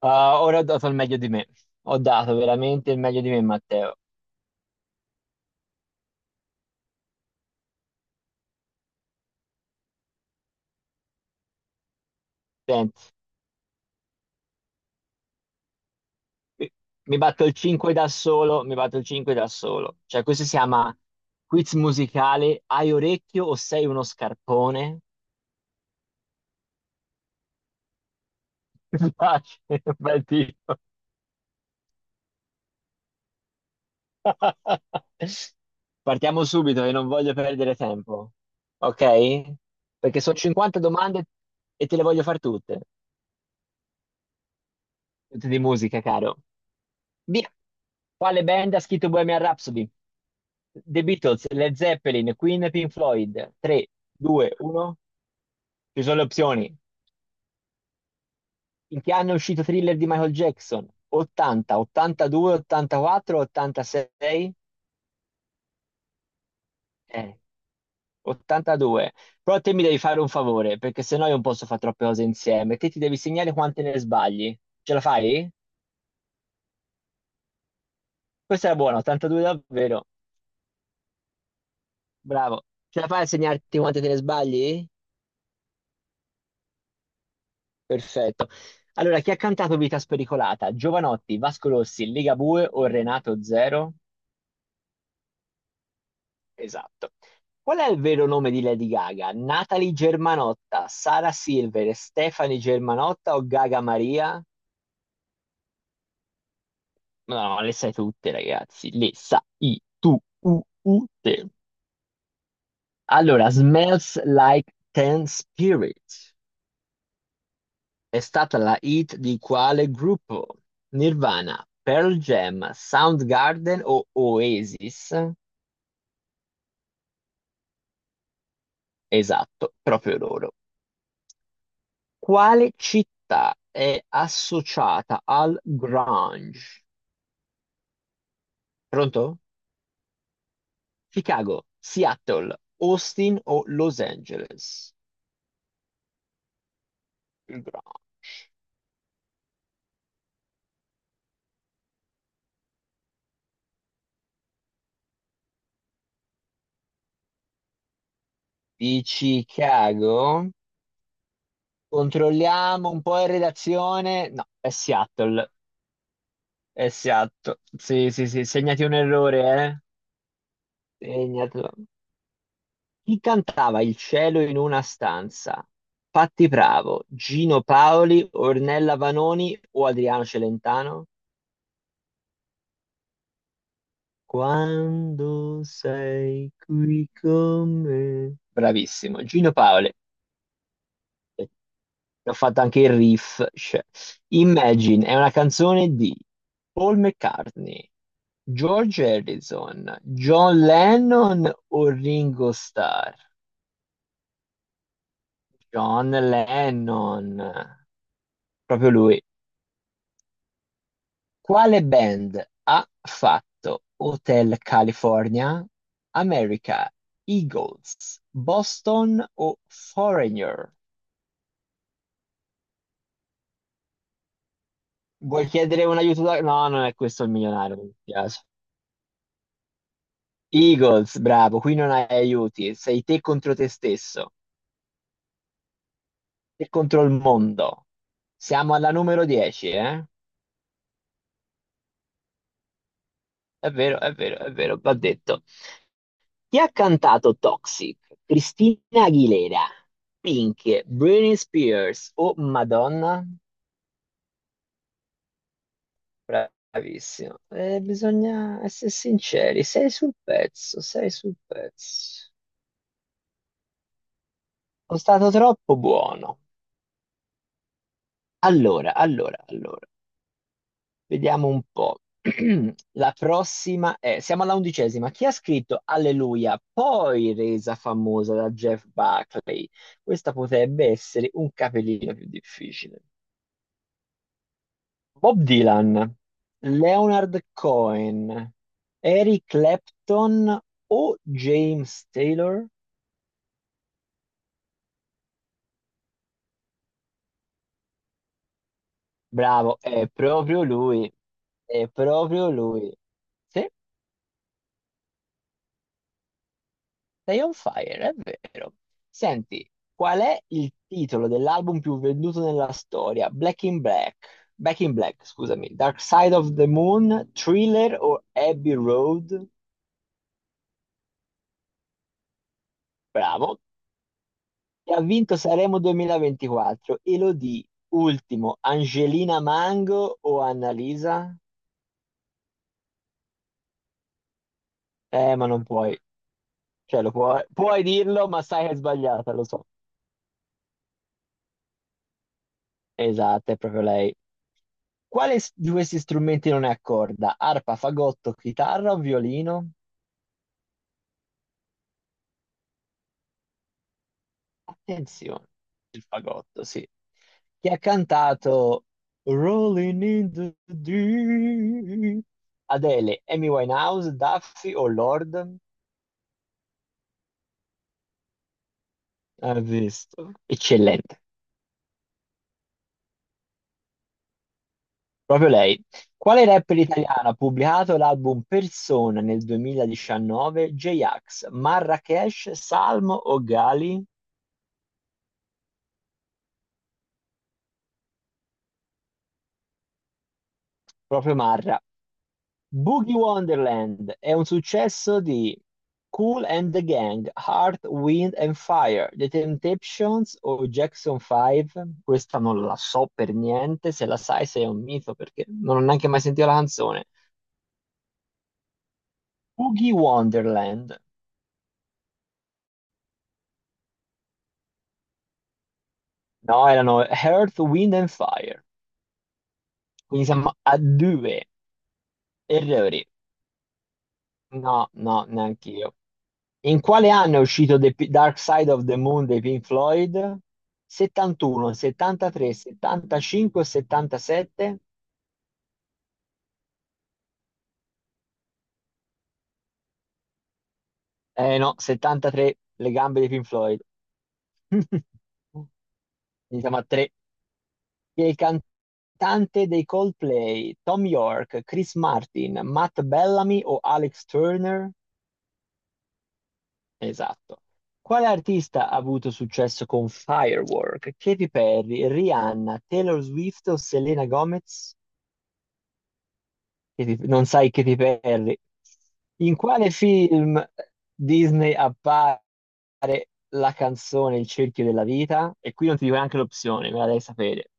Ah, ora ho dato il meglio di me. Ho dato veramente il meglio di me, Matteo. Senti, mi mi batto il 5 da solo, mi batto il 5 da solo. Cioè, questo si chiama quiz musicale. Hai orecchio o sei uno scarpone? Mi piace, bel titolo. Partiamo subito, che non voglio perdere tempo. Ok? Perché sono 50 domande e te le voglio far tutte. Tutte di musica, caro. Via. Quale band ha scritto Bohemian Rhapsody? The Beatles, Led Zeppelin, Queen, Pink Floyd. 3, 2, 1. Ci sono le opzioni. In che anno è uscito Thriller di Michael Jackson? 80, 82, 84, 86? Eh, 82. Però te mi devi fare un favore, perché sennò io non posso fare troppe cose insieme. Te ti devi segnare quante ne sbagli. Ce la fai? Questa era buona, 82 davvero. Bravo. Ce la fai a segnarti quante te ne sbagli? Perfetto. Allora, chi ha cantato Vita Spericolata? Giovanotti, Vasco Rossi, Ligabue o Renato Zero? Esatto. Qual è il vero nome di Lady Gaga? Natalie Germanotta, Sara Silver, Stefani Germanotta o Gaga Maria? No, no, le sai tutte, ragazzi. Le sai tu, u, u, te. Allora, Smells Like Teen Spirit è stata la hit di quale gruppo? Nirvana, Pearl Jam, Soundgarden o Oasis? Esatto, proprio loro. Quale città è associata al grunge? Pronto? Chicago, Seattle, Austin o Los Angeles? Il grunge. Di Chicago? Controlliamo un po' in redazione. No, è Seattle. È Seattle. Sì, sì, sì, segnati un errore, eh? Segnatelo. Chi cantava Il cielo in una stanza? Patti Bravo, Gino Paoli, Ornella Vanoni o Adriano Celentano? Quando sei qui con me. Bravissimo, Gino Paoli. Eh, Ho fatto anche il riff, cioè. Imagine è una canzone di Paul McCartney, George Harrison, John Lennon o Ringo Starr? John Lennon, proprio lui. Quale band ha fatto Hotel California, America, Eagles, Boston o Foreigner? Vuoi chiedere un aiuto? No, non è questo il milionario, mi dispiace. Eagles, bravo, qui non hai aiuti, sei te contro te stesso, te contro il mondo. Siamo alla numero 10, eh? È vero, è vero, è vero, va detto. Chi ha cantato Toxic? Cristina Aguilera, Pink, Britney Spears o Madonna? Bravissimo. Bisogna essere sinceri, sei sul pezzo, sei sul pezzo. Sono stato troppo buono. Allora, allora, allora, vediamo un po'. La prossima è, siamo alla 11ª. Chi ha scritto Alleluia, poi resa famosa da Jeff Buckley? Questa potrebbe essere un capellino più difficile. Bob Dylan, Leonard Cohen, Eric Clapton o James Taylor? Bravo, è proprio lui, è proprio lui. Sì, sei on fire, è vero. Senti, qual è il titolo dell'album più venduto nella storia? Black in Black, Back in Black, scusami, Dark Side of the Moon, Thriller o Abbey Road? Bravo. E ha vinto Sanremo 2024, Elodie, ultimo, Angelina Mango o Annalisa? Ma non puoi, cioè lo puoi, puoi dirlo, ma sai che è sbagliata, lo so. Esatto, è proprio lei. Quale di questi strumenti non è a corda? Arpa, fagotto, chitarra o violino? Attenzione, il fagotto, sì. Chi ha cantato Rolling in the Deep? Adele, Amy Winehouse, Duffy o Lord? Hai visto? Eccellente, proprio lei. Quale rapper italiano ha pubblicato l'album Persona nel 2019? J-Ax, Marrakesh, Salmo o Gali? Proprio Marra. Boogie Wonderland è un successo di Kool and the Gang, Heart, Wind and Fire, The Temptations o Jackson 5. Questa non la so per niente, se la sai sei un mito perché non ho neanche mai sentito la canzone. Boogie Wonderland. No, erano Heart, Wind and Fire. Quindi siamo a due. Errori. No, no, neanche io. In quale anno è uscito Dark Side of the Moon dei Pink Floyd? 71, 73, 75, 77? Eh no, 73, le gambe dei Pink Floyd. Iniziamo a 3. Chi è il cantante dei Coldplay? Tom York, Chris Martin, Matt Bellamy o Alex Turner? Esatto. Quale artista ha avuto successo con Firework? Katy Perry, Rihanna, Taylor Swift o Selena Gomez? Non sai che ti perdi. In quale film Disney appare la canzone Il cerchio della vita? E qui non ti dico neanche l'opzione, me la devi sapere.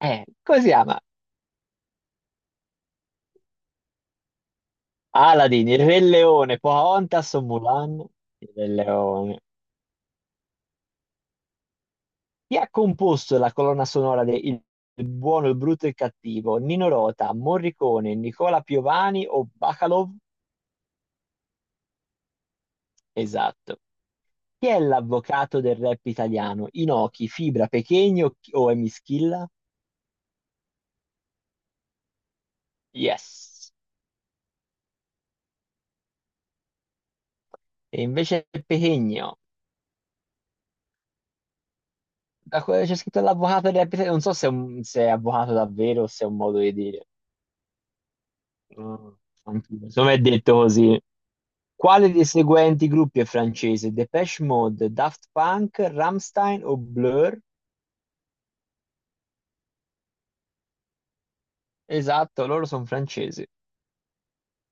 Come si chiama? Aladdin, Il Re Leone, Pocahontas o Mulan? Il Re Leone. Chi ha composto la colonna sonora di Il buono, il brutto e il cattivo? Nino Rota, Morricone, Nicola Piovani o Bacalov? Esatto. Chi è l'avvocato del rap italiano? Inoki, Fibra, Pechegno o Emischilla? Yes. E invece Pechegno. Da quello che c'è scritto l'avvocato del rap italiano, non so se è, se è avvocato davvero o se è un modo di dire. Mm, anch'io. Insomma, è detto così. Quale dei seguenti gruppi è francese? Depeche Mode, Daft Punk, Rammstein o Blur? Esatto, loro sono francesi.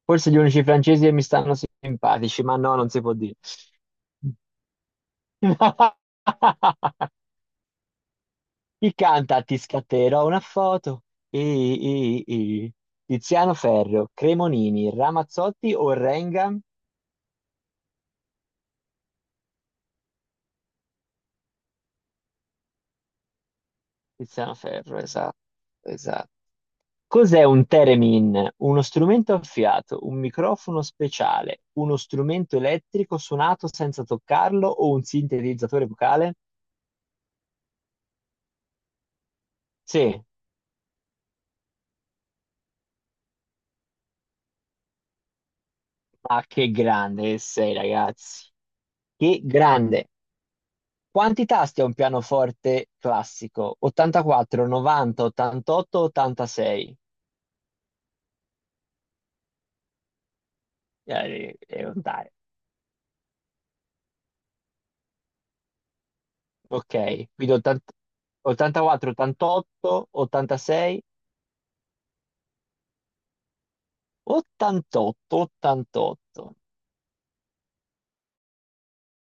Forse gli unici francesi che mi stanno simpatici, ma no, non si può dire. Chi canta Ti scatterò una foto? I, i, i. Tiziano Ferro, Cremonini, Ramazzotti o Renga? Tiziano Ferro, esatto, esatto. Cos'è un theremin? Uno strumento a fiato, un microfono speciale, uno strumento elettrico suonato senza toccarlo o un sintetizzatore vocale? Sì, ma che grande che sei, ragazzi. Che grande. Quanti tasti ha un pianoforte classico? 84, 90, 88, 86. Dai. Ok, quindi 80, 84, 88, 86, 88, 88.